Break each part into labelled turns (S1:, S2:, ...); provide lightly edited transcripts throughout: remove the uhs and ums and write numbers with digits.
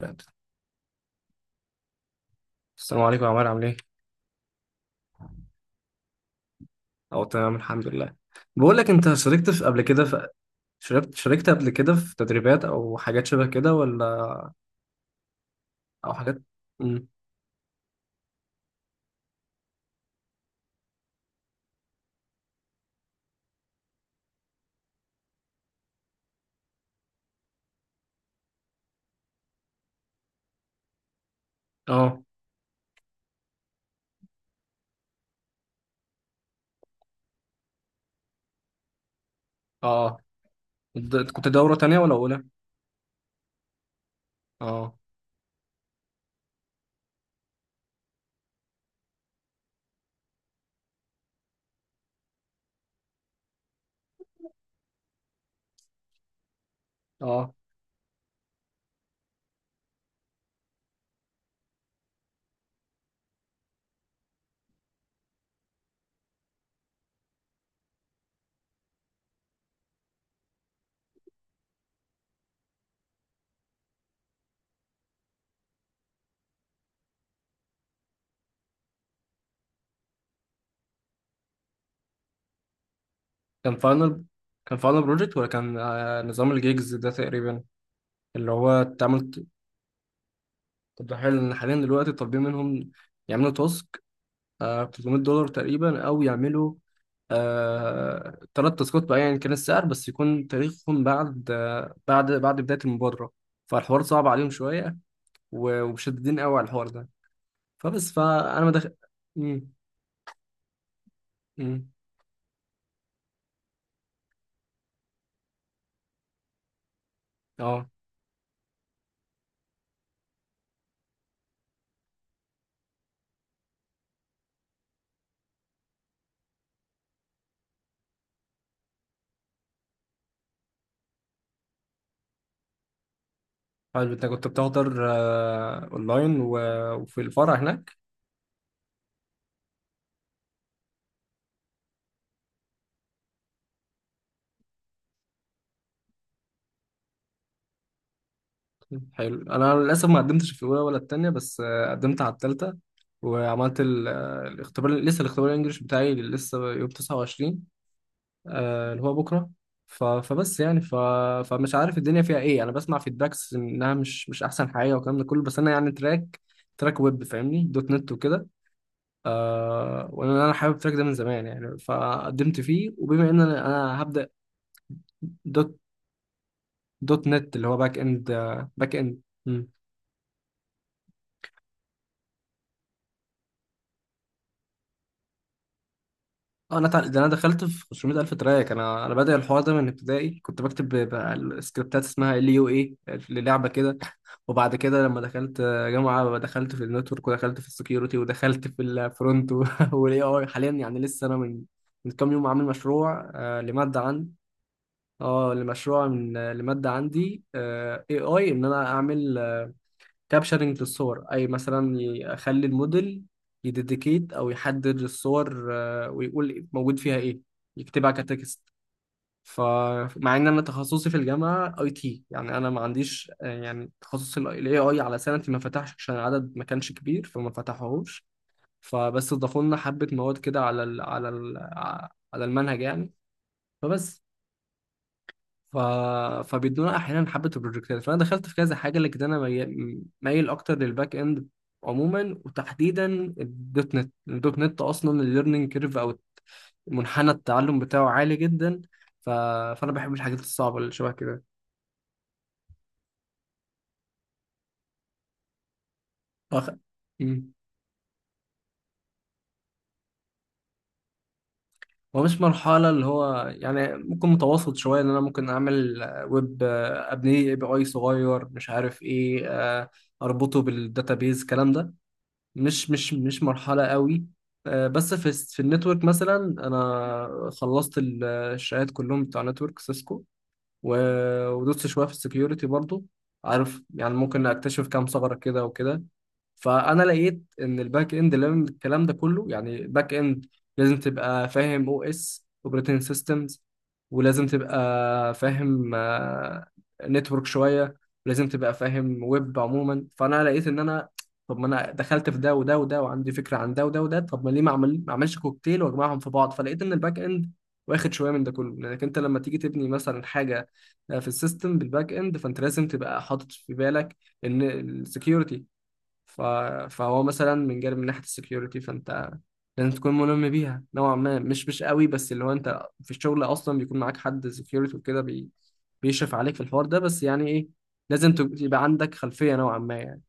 S1: بجد. السلام عليكم يا عمار، عامل ايه؟ اه، تمام الحمد لله. بقول لك، انت شاركت قبل كده في، شاركت قبل كده في تدريبات او حاجات شبه كده، ولا او حاجات؟ امم اه، اه. كنت دورة تانية ولا اولى؟ اه اه. كان فاينل، كان فاينل بروجكت، ولا كان نظام الجيجز ده تقريبا، اللي هو تعمل؟ طب ده حلو ان حاليا دلوقتي طالبين منهم يعملوا 300 دولار تقريبا، او يعملوا ثلاث تاسكات بقى. يعني كان السعر بس يكون تاريخهم بعد بعد بداية المبادرة، فالحوار صعب عليهم شوية، ومشددين قوي على الحوار ده. فأنا ما دخل. مم، مم، اه. حلو، انت كنت بتحضر اونلاين وفي الفرع هناك؟ حلو، انا للاسف ما قدمتش في الاولى ولا التانية، بس قدمت على التالتة، وعملت الاختبار، لسه الاختبار الانجليش بتاعي لسه يوم 29، اللي هو بكره. ف... فبس يعني ف... فمش عارف الدنيا فيها ايه، انا بسمع فيدباكس انها مش احسن حاجه، والكلام ده كله، بس انا يعني تراك ويب، فاهمني، دوت نت وكده. آه، وانا حابب التراك ده من زمان يعني، فقدمت فيه، وبما ان أنا هبدا. دوت دوت نت، اللي هو باك اند، باك اند. اه، انا تع... ده انا دخلت في 500,000 تراك. انا بادئ الحوار ده من ابتدائي، كنت بكتب بقى السكريبتات، اسمها ال يو اي للعبه كده وبعد كده لما دخلت جامعه، دخلت في النتورك، ودخلت في السكيورتي، ودخلت في الفرونت والاي اي حاليا يعني لسه انا من من كام يوم عامل مشروع لماده عندي. اه، لمشروع من، لماده عندي اي اي، ان انا اعمل كابشرنج للصور. اي مثلا يخلي الموديل يديديكيت او يحدد الصور، ويقول موجود فيها ايه، يكتبها كتكست. فمع ان انا تخصصي في الجامعه اي تي، يعني انا ما عنديش، يعني تخصص الاي اي على سنتي ما فتحش، عشان العدد ما كانش كبير فما فتحوهوش. اضافوا لنا حبه مواد كده على على المنهج يعني. فبس ف... فبيدونا احيانا حبه البروجكتات، فانا دخلت في كذا حاجه، لكن انا مايل اكتر للباك اند عموما، وتحديدا الدوت نت اصلا الليرنينج كيرف، او منحنى التعلم بتاعه عالي جدا. ف... فانا بحب الحاجات الصعبه اللي شبه كده. أخ... مم. هو مش مرحله، اللي هو يعني ممكن متوسط شويه، ان انا ممكن اعمل، ويب، ابني اي بي اي صغير، مش عارف ايه، اربطه بالداتابيز الكلام ده. مش مرحلة قوي. آه، بس في النتورك مثلا، انا خلصت الشهادات كلهم بتوع نتورك سيسكو، ودوست شوية في السكيورتي برضو. عارف يعني ممكن أكتشف كام ثغرة كده وكده. فأنا لقيت إن الباك إند لازم الكلام ده كله، يعني الباك إند لازم تبقى فاهم أو إس، أوبريتنج سيستمز، ولازم تبقى فاهم نتورك شوية، ولازم تبقى فاهم ويب عموما. فأنا لقيت إن طب ما أنا دخلت في ده وده وده، وعندي فكرة عن ده وده وده، طب ما ليه ما أعملش كوكتيل وأجمعهم في بعض. فلقيت إن الباك إند واخد شوية من ده كله، لأنك أنت لما تيجي تبني مثلا حاجة، في السيستم بالباك اند، فانت لازم تبقى حاطط في بالك ان السكيورتي. ف... فهو مثلا من جانب من ناحيه السكيورتي، فانت لازم تكون ملم بيها نوعا ما، مش قوي، بس اللي هو انت في الشغل اصلا بيكون معاك حد سكيورتي وكده بيشرف عليك في الحوار ده، بس يعني ايه، يبقى عندك خلفيه نوعا ما يعني.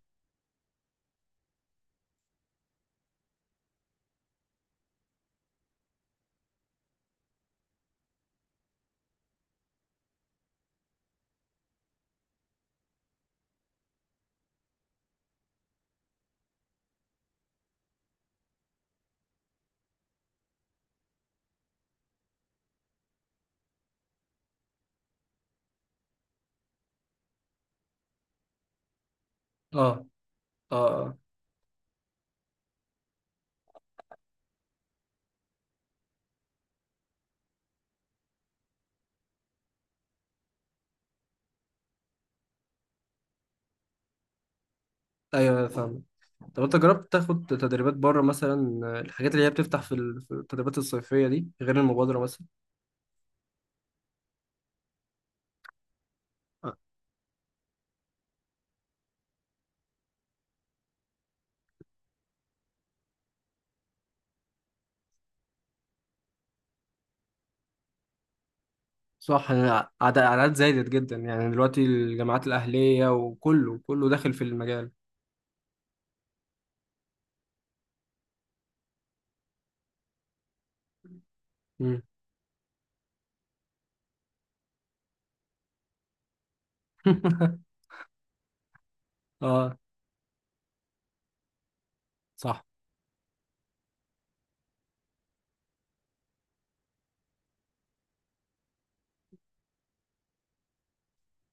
S1: اه اه اه. ايوه فاهم. طب انت جربت تاخد تدريبات بره مثلا؟ الحاجات اللي هي بتفتح في التدريبات الصيفيه دي، غير المبادره مثلا. صح، أنا اعداد زادت جدا يعني دلوقتي، الجامعات الاهليه وكله كله داخل في المجال. مم. اه، صح.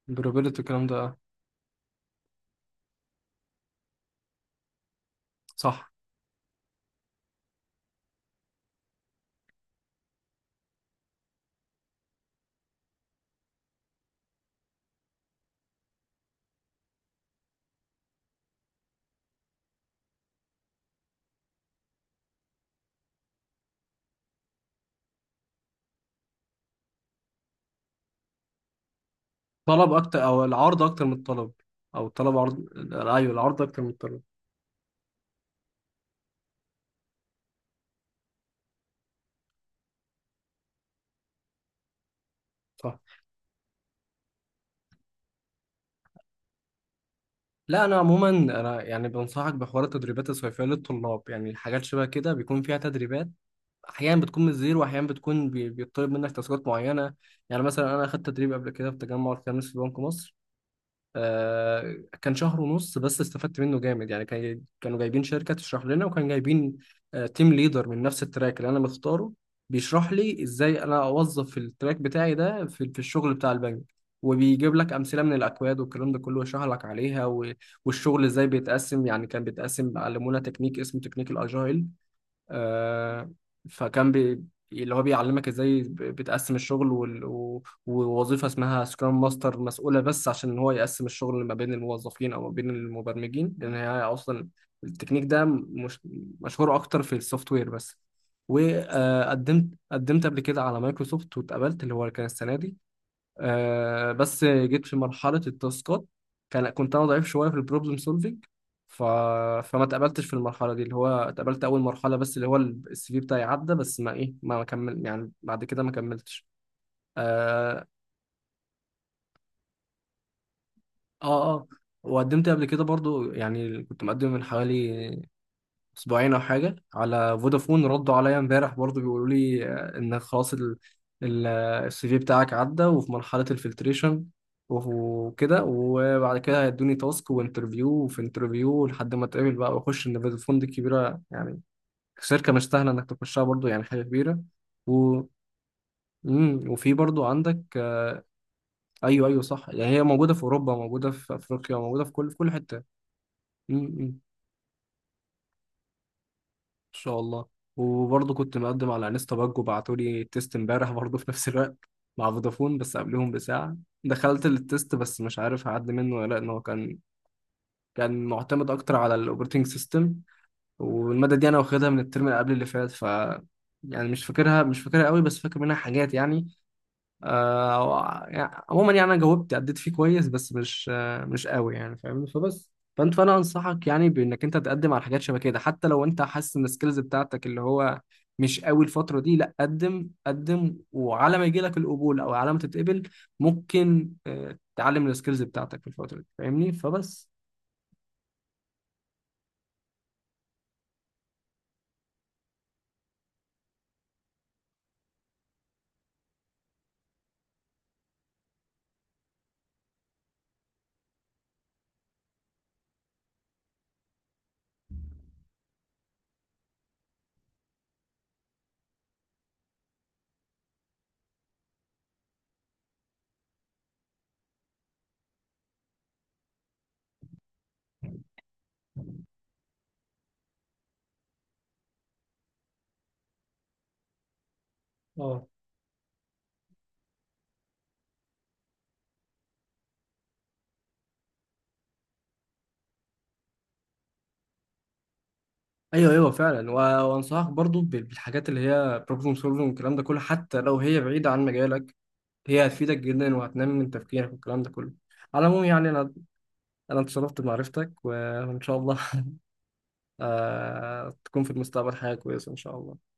S1: بروبابيلتي الكلام ده، آه. صح. طلب اكتر، او العرض اكتر من الطلب، او الطلب عرض. ايوه، العرض اكتر من الطلب. صح. لا انا عموما انا يعني بنصحك بحوار التدريبات الصيفيه للطلاب، يعني الحاجات شبه كده بيكون فيها تدريبات، احيانا بتكون من الزيرو، واحيانا بتكون بيطلب منك تاسكات معينه. يعني مثلا انا اخدت تدريب قبل كده في تجمع الخامس في بنك مصر، آه، كان شهر ونص بس استفدت منه جامد يعني. كان، كانوا جايبين شركة تشرح لنا، وكان جايبين، تيم ليدر من نفس التراك اللي أنا مختاره، بيشرح لي إزاي أنا أوظف التراك بتاعي ده في الشغل بتاع البنك، وبيجيب لك أمثلة من الأكواد والكلام ده كله، ويشرح لك عليها، والشغل إزاي بيتقسم، يعني كان بيتقسم، علمونا تكنيك اسمه تكنيك الأجايل، آه، فكان بي اللي هو بيعلمك ازاي بتقسم الشغل، ووظيفة اسمها سكرام ماستر، مسؤولة بس عشان هو يقسم الشغل ما بين الموظفين او ما بين المبرمجين، لان هي اصلا التكنيك ده مش مشهور اكتر في السوفت وير بس. وقدمت قدمت قبل كده على مايكروسوفت واتقبلت، اللي هو كان السنة دي، آه، بس جيت في مرحلة التاسكات، كنت أنا ضعيف شوية في البروبلم سولفينج. ف... فما اتقبلتش في المرحلة دي، اللي هو اتقبلت أول مرحلة بس، اللي هو السي في بتاعي عدى، بس ما إيه، ما كمل يعني، بعد كده ما كملتش. آه آه. وقدمت قبل كده برضو، يعني كنت مقدم من حوالي اسبوعين او حاجه على فودافون، ردوا عليا امبارح برضو بيقولوا لي، آه، ان خلاص السي في بتاعك عدى وفي مرحله الفلتريشن وكده، وبعد كده هيدوني تاسك وانترفيو، وفي انترفيو لحد ما اتقابل بقى واخش. ان فودافون دي كبيره يعني، شركه مش سهله انك تخشها برضو، يعني حاجه كبيره. و مم. وفي برضو عندك، آه، ايوه ايوه صح، يعني هي موجوده في اوروبا، موجوده في افريقيا، موجوده في كل، في كل حته. مم. ان شاء الله. وبرضه كنت مقدم على انستا باج، وبعتوا لي التيست امبارح برضه، في نفس الوقت مع فودافون بس قبلهم بساعة. دخلت التيست، بس مش عارف هعدي منه ولا لا، ان هو كان، كان معتمد اكتر على الاوبريتنج سيستم، والمادة دي انا واخدها من الترم اللي قبل اللي فات، ف مش فاكرها قوي، بس فاكر منها حاجات يعني. آه، يعني عموما يعني، انا جاوبت اديت فيه كويس، بس مش قوي يعني، فاهمني. فبس فانت فانا انصحك يعني، بانك انت تقدم على حاجات شبه كده، حتى لو انت حاسس ان السكيلز بتاعتك اللي هو مش قوي الفتره دي، لا، قدم قدم، وعلى ما يجي لك القبول، او على ما تتقبل، ممكن تعلم السكيلز بتاعتك في الفتره دي، فاهمني. اه، ايوه ايوه فعلا. وانصحك برضو بالحاجات اللي هي بروبلم سولفنج والكلام ده كله، حتى لو هي بعيده عن مجالك، هي هتفيدك جدا، وهتنمي من تفكيرك والكلام ده كله. على العموم يعني، انا اتشرفت بمعرفتك، وان شاء الله تكون في المستقبل حاجه كويسه ان شاء الله.